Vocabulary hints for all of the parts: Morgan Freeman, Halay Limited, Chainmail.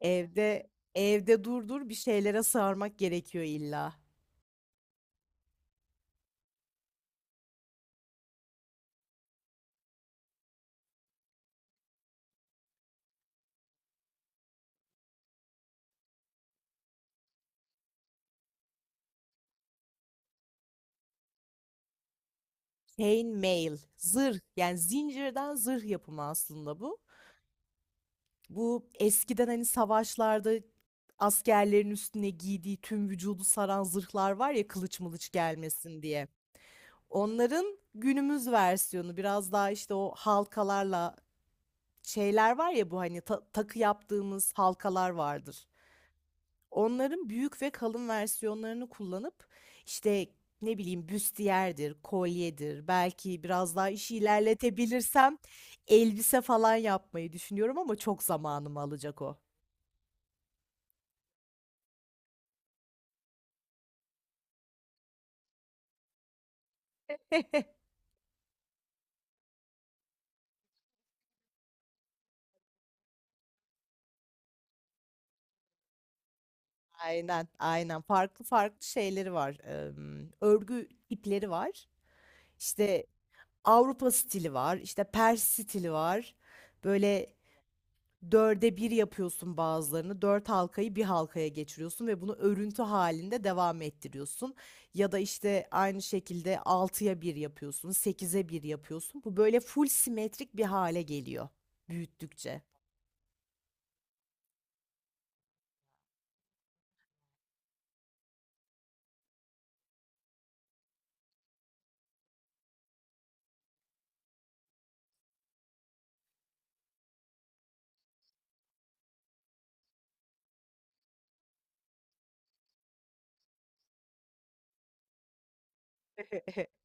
Evde evde durdur bir şeylere sarmak gerekiyor illa. Chainmail, zırh yani zincirden zırh yapımı aslında bu. Bu eskiden hani savaşlarda askerlerin üstüne giydiği tüm vücudu saran zırhlar var ya kılıç mılıç gelmesin diye. Onların günümüz versiyonu biraz daha işte o halkalarla şeyler var ya bu hani takı yaptığımız halkalar vardır. Onların büyük ve kalın versiyonlarını kullanıp işte ne bileyim büstiyerdir, kolyedir, belki biraz daha işi ilerletebilirsem elbise falan yapmayı düşünüyorum ama çok zamanımı alacak o. Aynen, aynen. Farklı farklı şeyleri var. Örgü ipleri var. İşte Avrupa stili var, işte Pers stili var. Böyle dörde bir yapıyorsun bazılarını. Dört halkayı bir halkaya geçiriyorsun ve bunu örüntü halinde devam ettiriyorsun. Ya da işte aynı şekilde altıya bir yapıyorsun, sekize bir yapıyorsun. Bu böyle full simetrik bir hale geliyor büyüttükçe.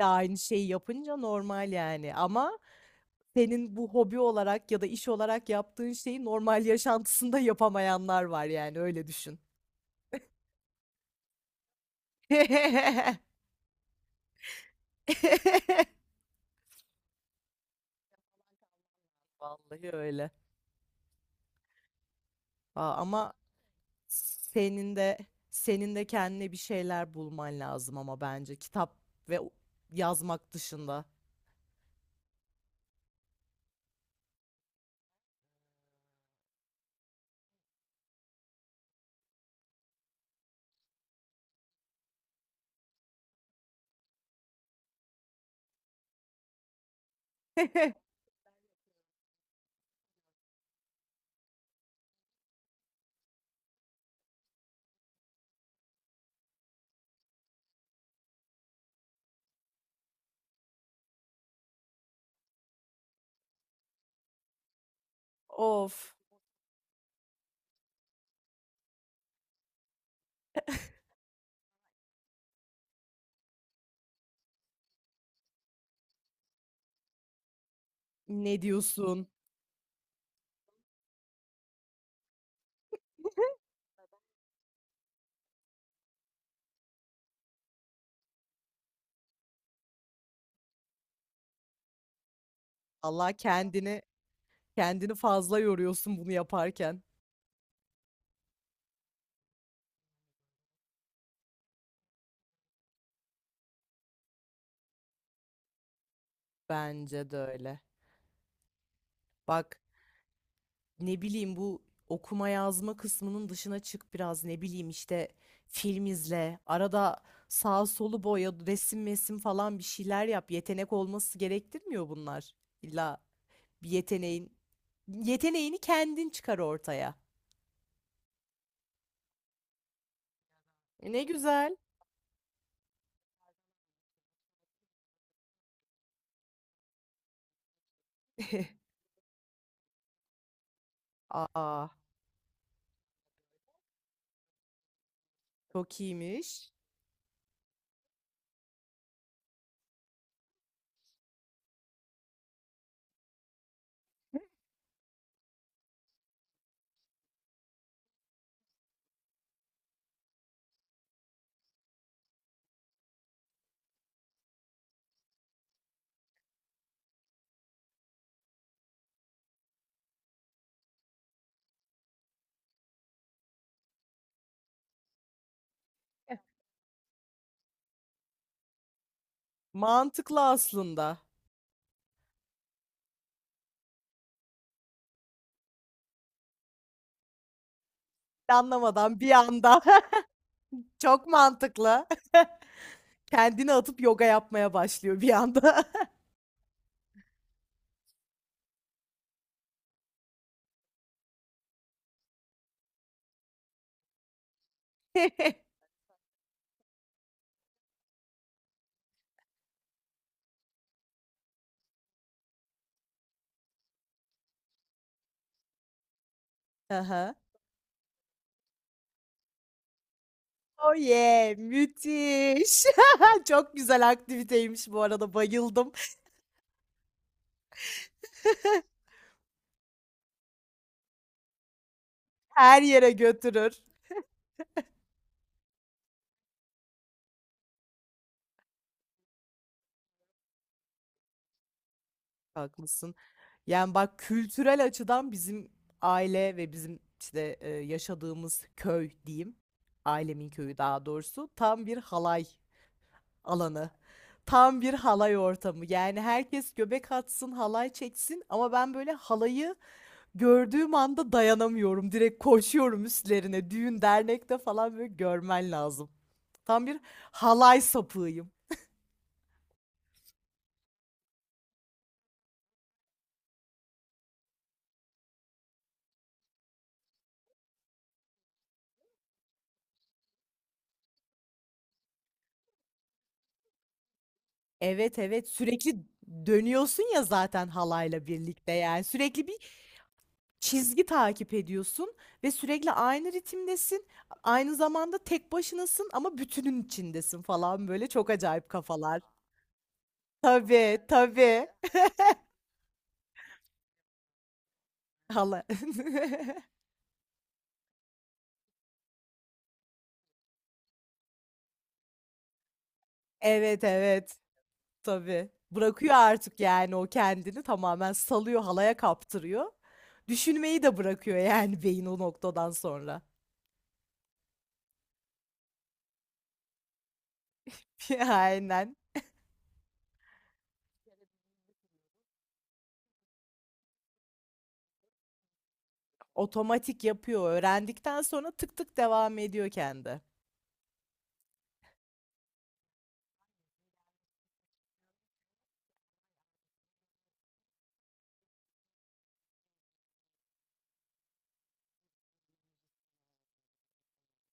De aynı şeyi yapınca normal yani ama senin bu hobi olarak ya da iş olarak yaptığın şeyi normal yaşantısında yapamayanlar var yani öyle düşün. Vallahi öyle. Aa, ama senin de senin de kendine bir şeyler bulman lazım ama bence kitap ve yazmak dışında. Of, ne diyorsun? Allah, kendini fazla yoruyorsun bunu yaparken. Bence de öyle. Bak, ne bileyim bu okuma yazma kısmının dışına çık biraz, ne bileyim işte film izle arada, sağ solu boya, resim mesim falan bir şeyler yap. Yetenek olması gerektirmiyor bunlar, illa bir yeteneğin kendin çıkar ortaya. E, ne güzel. Aa, çok iyiymiş. Mantıklı aslında. Anlamadan bir anda çok mantıklı, kendini atıp yoga yapmaya başlıyor bir anda. Aha. Oh yeah, müthiş. Çok güzel aktiviteymiş bu arada, bayıldım. Her yere götürür. Haklısın. Yani bak, kültürel açıdan bizim aile ve bizim işte yaşadığımız köy diyeyim, ailemin köyü daha doğrusu, tam bir halay alanı. Tam bir halay ortamı. Yani herkes göbek atsın, halay çeksin ama ben böyle halayı gördüğüm anda dayanamıyorum. Direkt koşuyorum üstlerine. Düğün, dernekte falan böyle görmen lazım. Tam bir halay sapığıyım. Evet, evet. Sürekli dönüyorsun ya zaten halayla birlikte yani. Sürekli bir çizgi takip ediyorsun ve sürekli aynı ritimdesin. Aynı zamanda tek başınasın ama bütünün içindesin falan böyle çok acayip kafalar. Tabii, tabii. Hala. Evet, evet. Tabii. Bırakıyor artık yani, o kendini tamamen salıyor, halaya kaptırıyor. Düşünmeyi de bırakıyor yani beyin o noktadan sonra. Aynen. Otomatik yapıyor. Öğrendikten sonra tık tık devam ediyor kendi.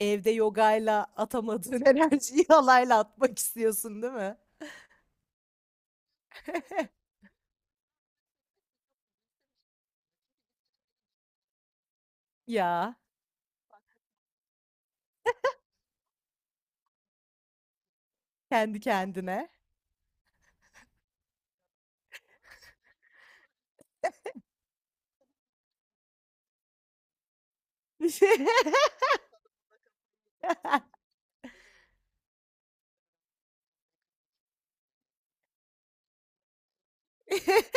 Evde yogayla atamadığın enerjiyi halayla atmak istiyorsun, değil mi? Ya, kendi kendine.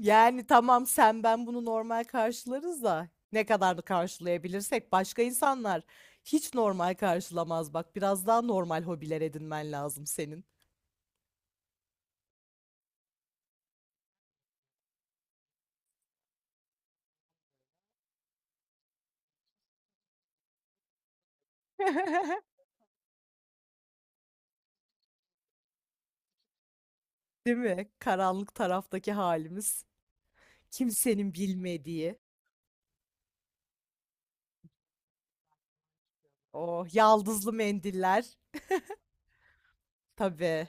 Yani tamam, sen ben bunu normal karşılarız da, ne kadar da karşılayabilirsek, başka insanlar hiç normal karşılamaz. Bak, biraz daha normal hobiler edinmen lazım senin. Değil mi? Karanlık taraftaki halimiz. Kimsenin bilmediği. O yaldızlı mendiller. Tabii.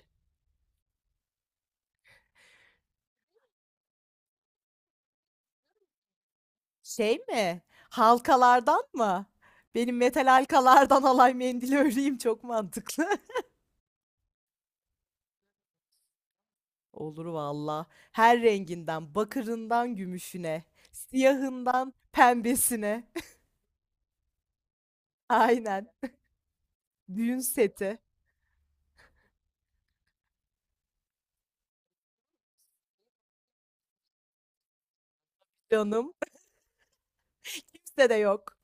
Şey mi? Halkalardan mı? Benim metal halkalardan alay mendili öreyim, çok mantıklı. Olur valla. Her renginden, bakırından gümüşüne, siyahından pembesine. Aynen. Düğün seti. Canım. Kimse de yok.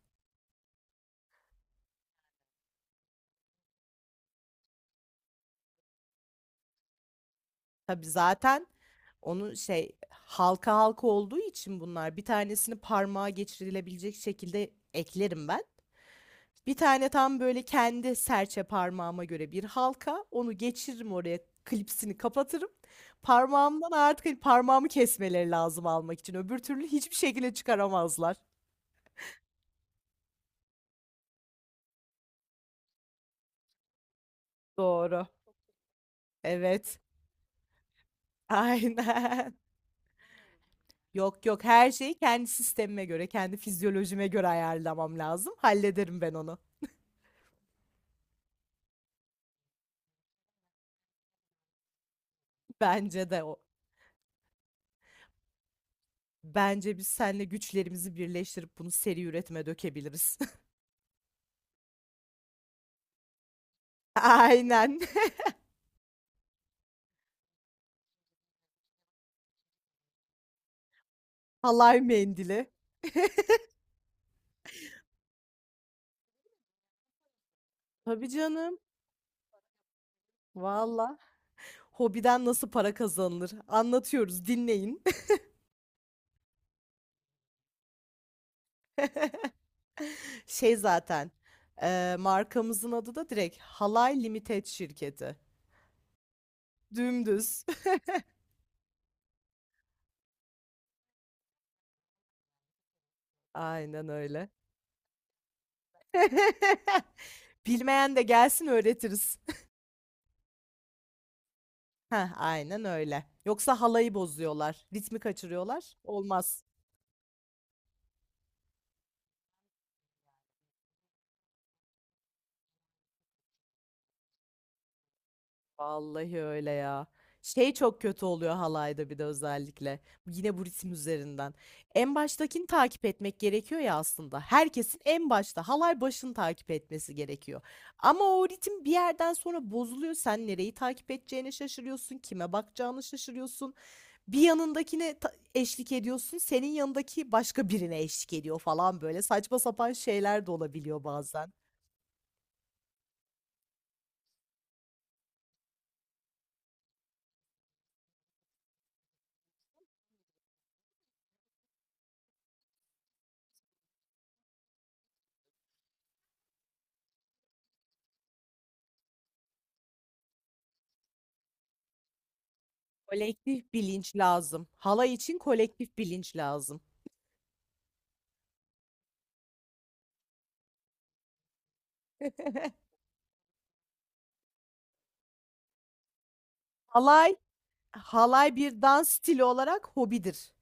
Tabii zaten onun şey, halka halka olduğu için bunlar, bir tanesini parmağa geçirilebilecek şekilde eklerim ben. Bir tane tam böyle kendi serçe parmağıma göre bir halka. Onu geçiririm oraya, klipsini kapatırım. Parmağımdan artık hani parmağımı kesmeleri lazım almak için. Öbür türlü hiçbir şekilde çıkaramazlar. Doğru. Evet. Aynen. Yok yok, her şeyi kendi sistemime göre, kendi fizyolojime göre ayarlamam lazım. Hallederim ben onu. Bence de o. Bence biz seninle güçlerimizi birleştirip bunu seri üretime dökebiliriz. Aynen. Halay mendili. Tabii canım. Valla. Hobiden nasıl para kazanılır? Anlatıyoruz, dinleyin. Şey zaten, markamızın adı da direkt Halay Limited şirketi. Dümdüz. Aynen öyle. Bilmeyen de gelsin, öğretiriz. Heh, aynen öyle. Yoksa halayı bozuyorlar, ritmi kaçırıyorlar. Olmaz. Vallahi öyle ya. Şey çok kötü oluyor halayda bir de özellikle. Yine bu ritim üzerinden. En baştakini takip etmek gerekiyor ya aslında. Herkesin en başta halay başını takip etmesi gerekiyor. Ama o ritim bir yerden sonra bozuluyor. Sen nereyi takip edeceğini şaşırıyorsun. Kime bakacağını şaşırıyorsun. Bir yanındakine eşlik ediyorsun. Senin yanındaki başka birine eşlik ediyor falan böyle. Saçma sapan şeyler de olabiliyor bazen. Kolektif bilinç lazım. Halay için kolektif bilinç lazım. Halay, halay bir dans stili olarak hobidir.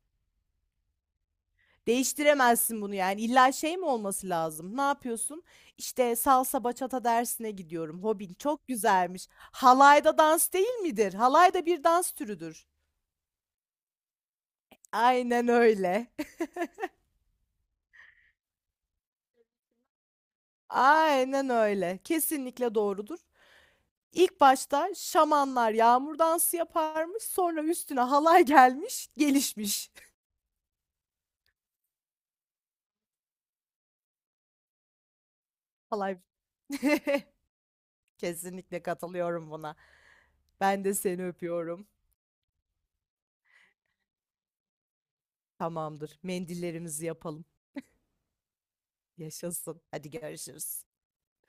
Değiştiremezsin bunu yani. İlla şey mi olması lazım? Ne yapıyorsun? İşte salsa bachata dersine gidiyorum. Hobin çok güzelmiş. Halayda dans değil midir? Halay da bir dans türüdür. Aynen öyle. Aynen öyle. Kesinlikle doğrudur. İlk başta şamanlar yağmur dansı yaparmış, sonra üstüne halay gelmiş, gelişmiş. Halay. Kesinlikle katılıyorum buna. Ben de seni öpüyorum. Tamamdır. Mendillerimizi yapalım. Yaşasın. Hadi görüşürüz.